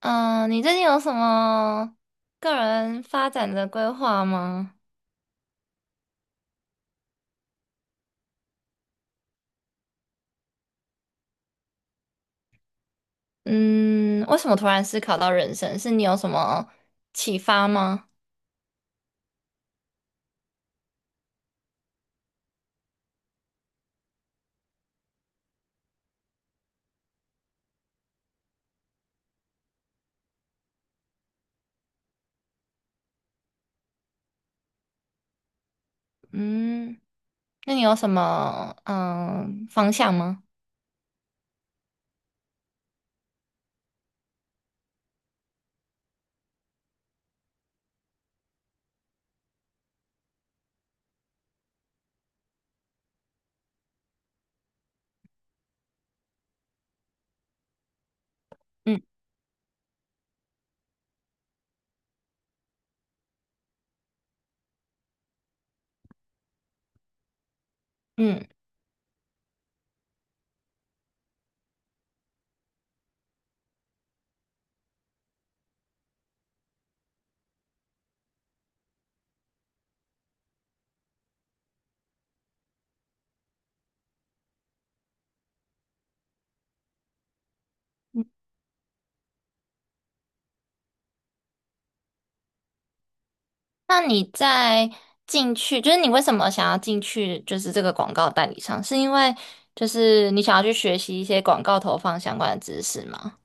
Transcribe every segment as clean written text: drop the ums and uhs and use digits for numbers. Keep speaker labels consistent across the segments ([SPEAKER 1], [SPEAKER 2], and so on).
[SPEAKER 1] 嗯，你最近有什么个人发展的规划吗？嗯，为什么突然思考到人生？是你有什么启发吗？嗯，那你有什么方向吗？嗯嗯，那你在进去，就是你为什么想要进去，就是这个广告代理商，是因为就是你想要去学习一些广告投放相关的知识吗？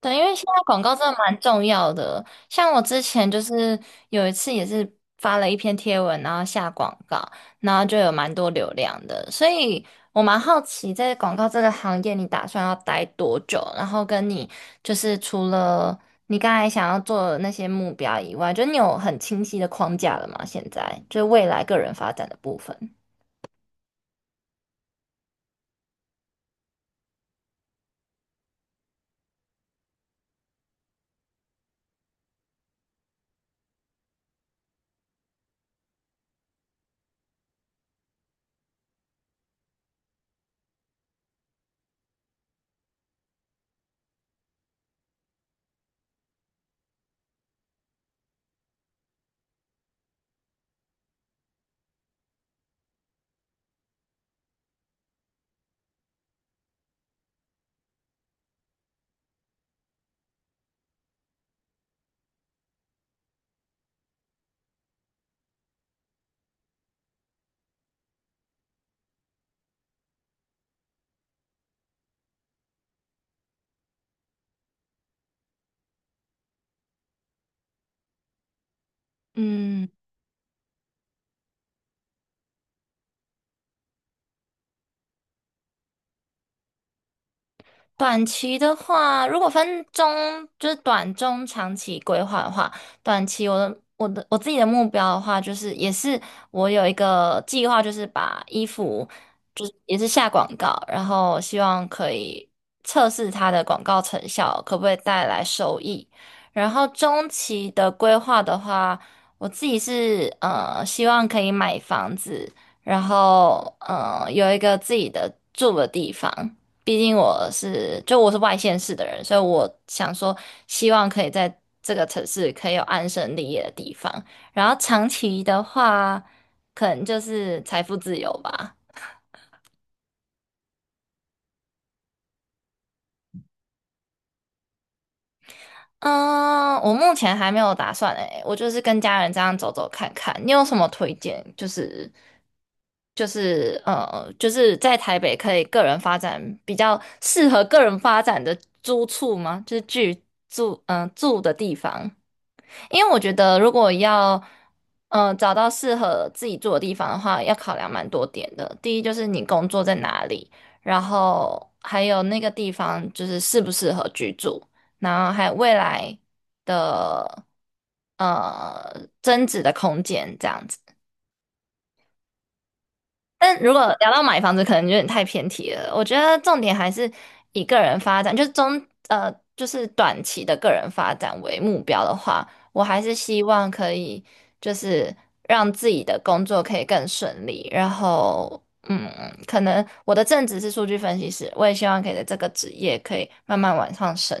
[SPEAKER 1] 对，因为现在广告真的蛮重要的。像我之前就是有一次也是发了一篇贴文，然后下广告，然后就有蛮多流量的。所以我蛮好奇，在广告这个行业，你打算要待多久？然后跟你就是除了你刚才想要做的那些目标以外，就你有很清晰的框架了吗？现在就是未来个人发展的部分。嗯。短期的话，如果分中，就是短、中、长期规划的话，短期我自己的目标的话，就是也是我有一个计划，就是把衣服就是也是下广告，然后希望可以测试它的广告成效，可不可以带来收益。然后中期的规划的话，我自己是希望可以买房子，然后有一个自己的住的地方。毕竟我是外县市的人，所以我想说，希望可以在这个城市可以有安身立业的地方。然后长期的话，可能就是财富自由吧。嗯，我目前还没有打算诶，我就是跟家人这样走走看看。你有什么推荐？就是在台北可以个人发展比较适合个人发展的租处吗？就是居住住的地方。因为我觉得如果要找到适合自己住的地方的话，要考量蛮多点的。第一就是你工作在哪里，然后还有那个地方就是适不适合居住，然后还有未来的呃增值的空间这样子。但如果聊到买房子，可能有点太偏题了。我觉得重点还是以个人发展，就是就是短期的个人发展为目标的话，我还是希望可以就是让自己的工作可以更顺利。然后，嗯，可能我的正职是数据分析师，我也希望可以在这个职业可以慢慢往上升。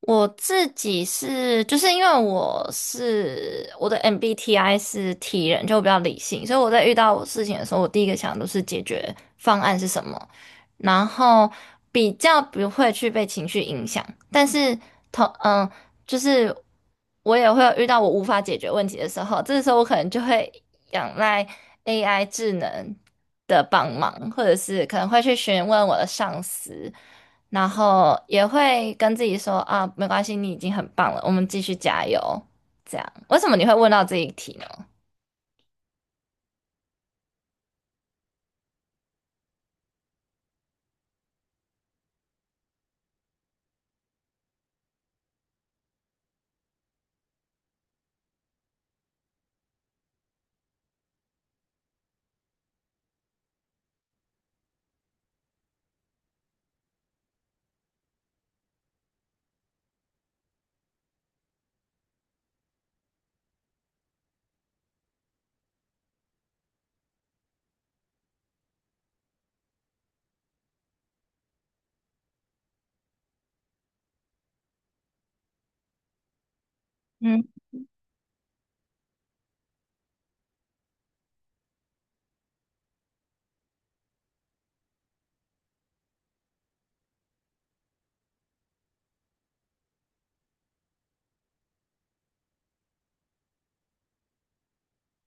[SPEAKER 1] 我自己是，就是因为我是我的 MBTI 是 T 人，就比较理性，所以我在遇到事情的时候，我第一个想的都是解决方案是什么，然后比较不会去被情绪影响。但是同嗯，就是我也会有遇到我无法解决问题的时候，这时候我可能就会仰赖 AI 智能的帮忙，或者是可能会去询问我的上司。然后也会跟自己说啊，没关系，你已经很棒了，我们继续加油。这样，为什么你会问到这一题呢？嗯。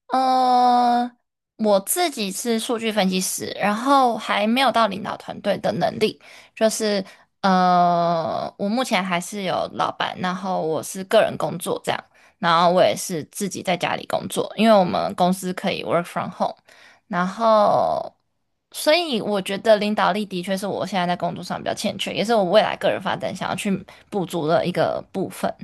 [SPEAKER 1] 呃，我自己是数据分析师，然后还没有到领导团队的能力，就是我目前还是有老板，然后我是个人工作这样，然后我也是自己在家里工作，因为我们公司可以 work from home，然后所以我觉得领导力的确是我现在在工作上比较欠缺，也是我未来个人发展想要去补足的一个部分。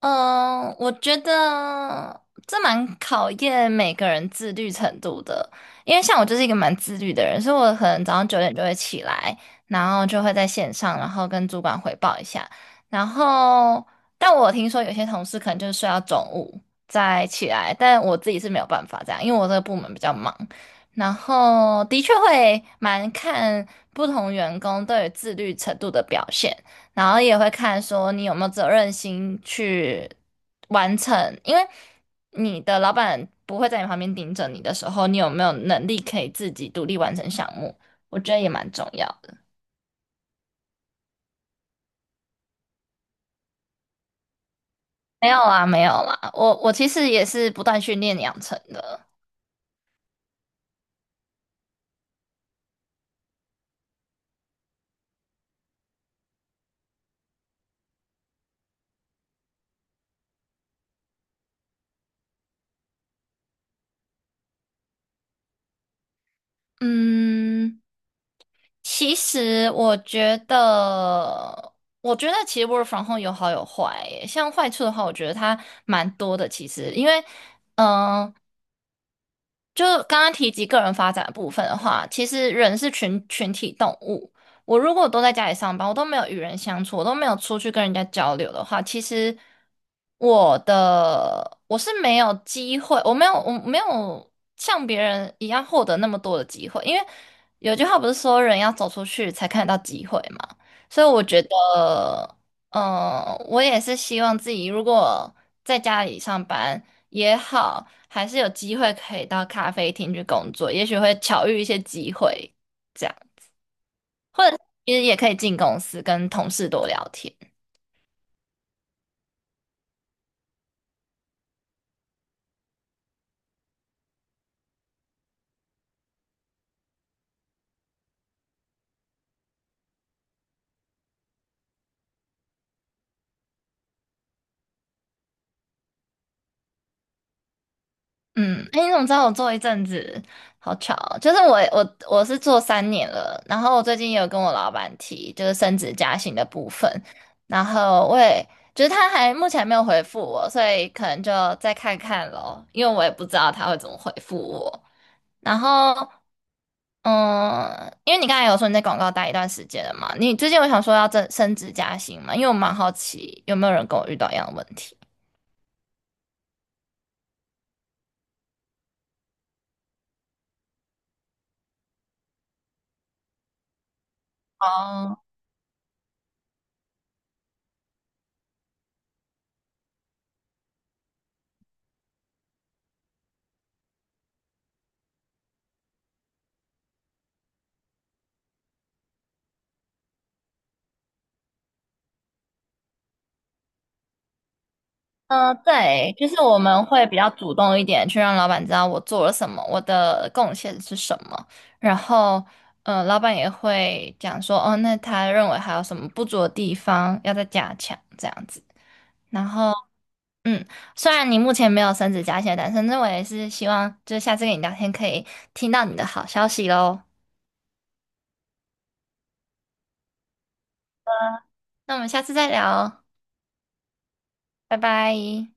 [SPEAKER 1] 嗯，我觉得这蛮考验每个人自律程度的，因为像我就是一个蛮自律的人，所以我可能早上9点就会起来，然后就会在线上，然后跟主管汇报一下。然后，但我听说有些同事可能就是睡到中午再起来，但我自己是没有办法这样，因为我这个部门比较忙。然后的确会蛮看不同员工对于自律程度的表现。然后也会看说你有没有责任心去完成，因为你的老板不会在你旁边盯着你的时候，你有没有能力可以自己独立完成项目？我觉得也蛮重要的。没有啦，没有啦，我其实也是不断训练养成的。嗯，其实我觉得，我觉得其实 work from home 有好有坏耶像坏处的话，我觉得它蛮多的。其实，因为，嗯、就刚刚提及个人发展的部分的话，其实人是群体动物。我如果都在家里上班，我都没有与人相处，我都没有出去跟人家交流的话，其实我是没有机会，我没有像别人一样获得那么多的机会，因为有句话不是说人要走出去才看得到机会嘛，所以我觉得，我也是希望自己如果在家里上班。也好，还是有机会可以到咖啡厅去工作，也许会巧遇一些机会，这样，因为也可以进公司跟同事多聊天。嗯，哎，你怎么知道我做一阵子？好巧哦就是我是做3年了，然后我最近也有跟我老板提，就是升职加薪的部分，然后就是他还目前还没有回复我，所以可能就再看看咯，因为我也不知道他会怎么回复我。然后嗯，因为你刚才有说你在广告待一段时间了嘛，你最近有想说要升职加薪嘛？因为我蛮好奇有没有人跟我遇到一样的问题。哦，嗯，对，就是我们会比较主动一点，去让老板知道我做了什么，我的贡献是什么，然后，老板也会讲说，哦，那他认为还有什么不足的地方要再加强，这样子。然后，嗯，虽然你目前没有升职加薪，但是那我也是希望，就是下次跟你聊天可以听到你的好消息喽。那我们下次再聊，拜拜。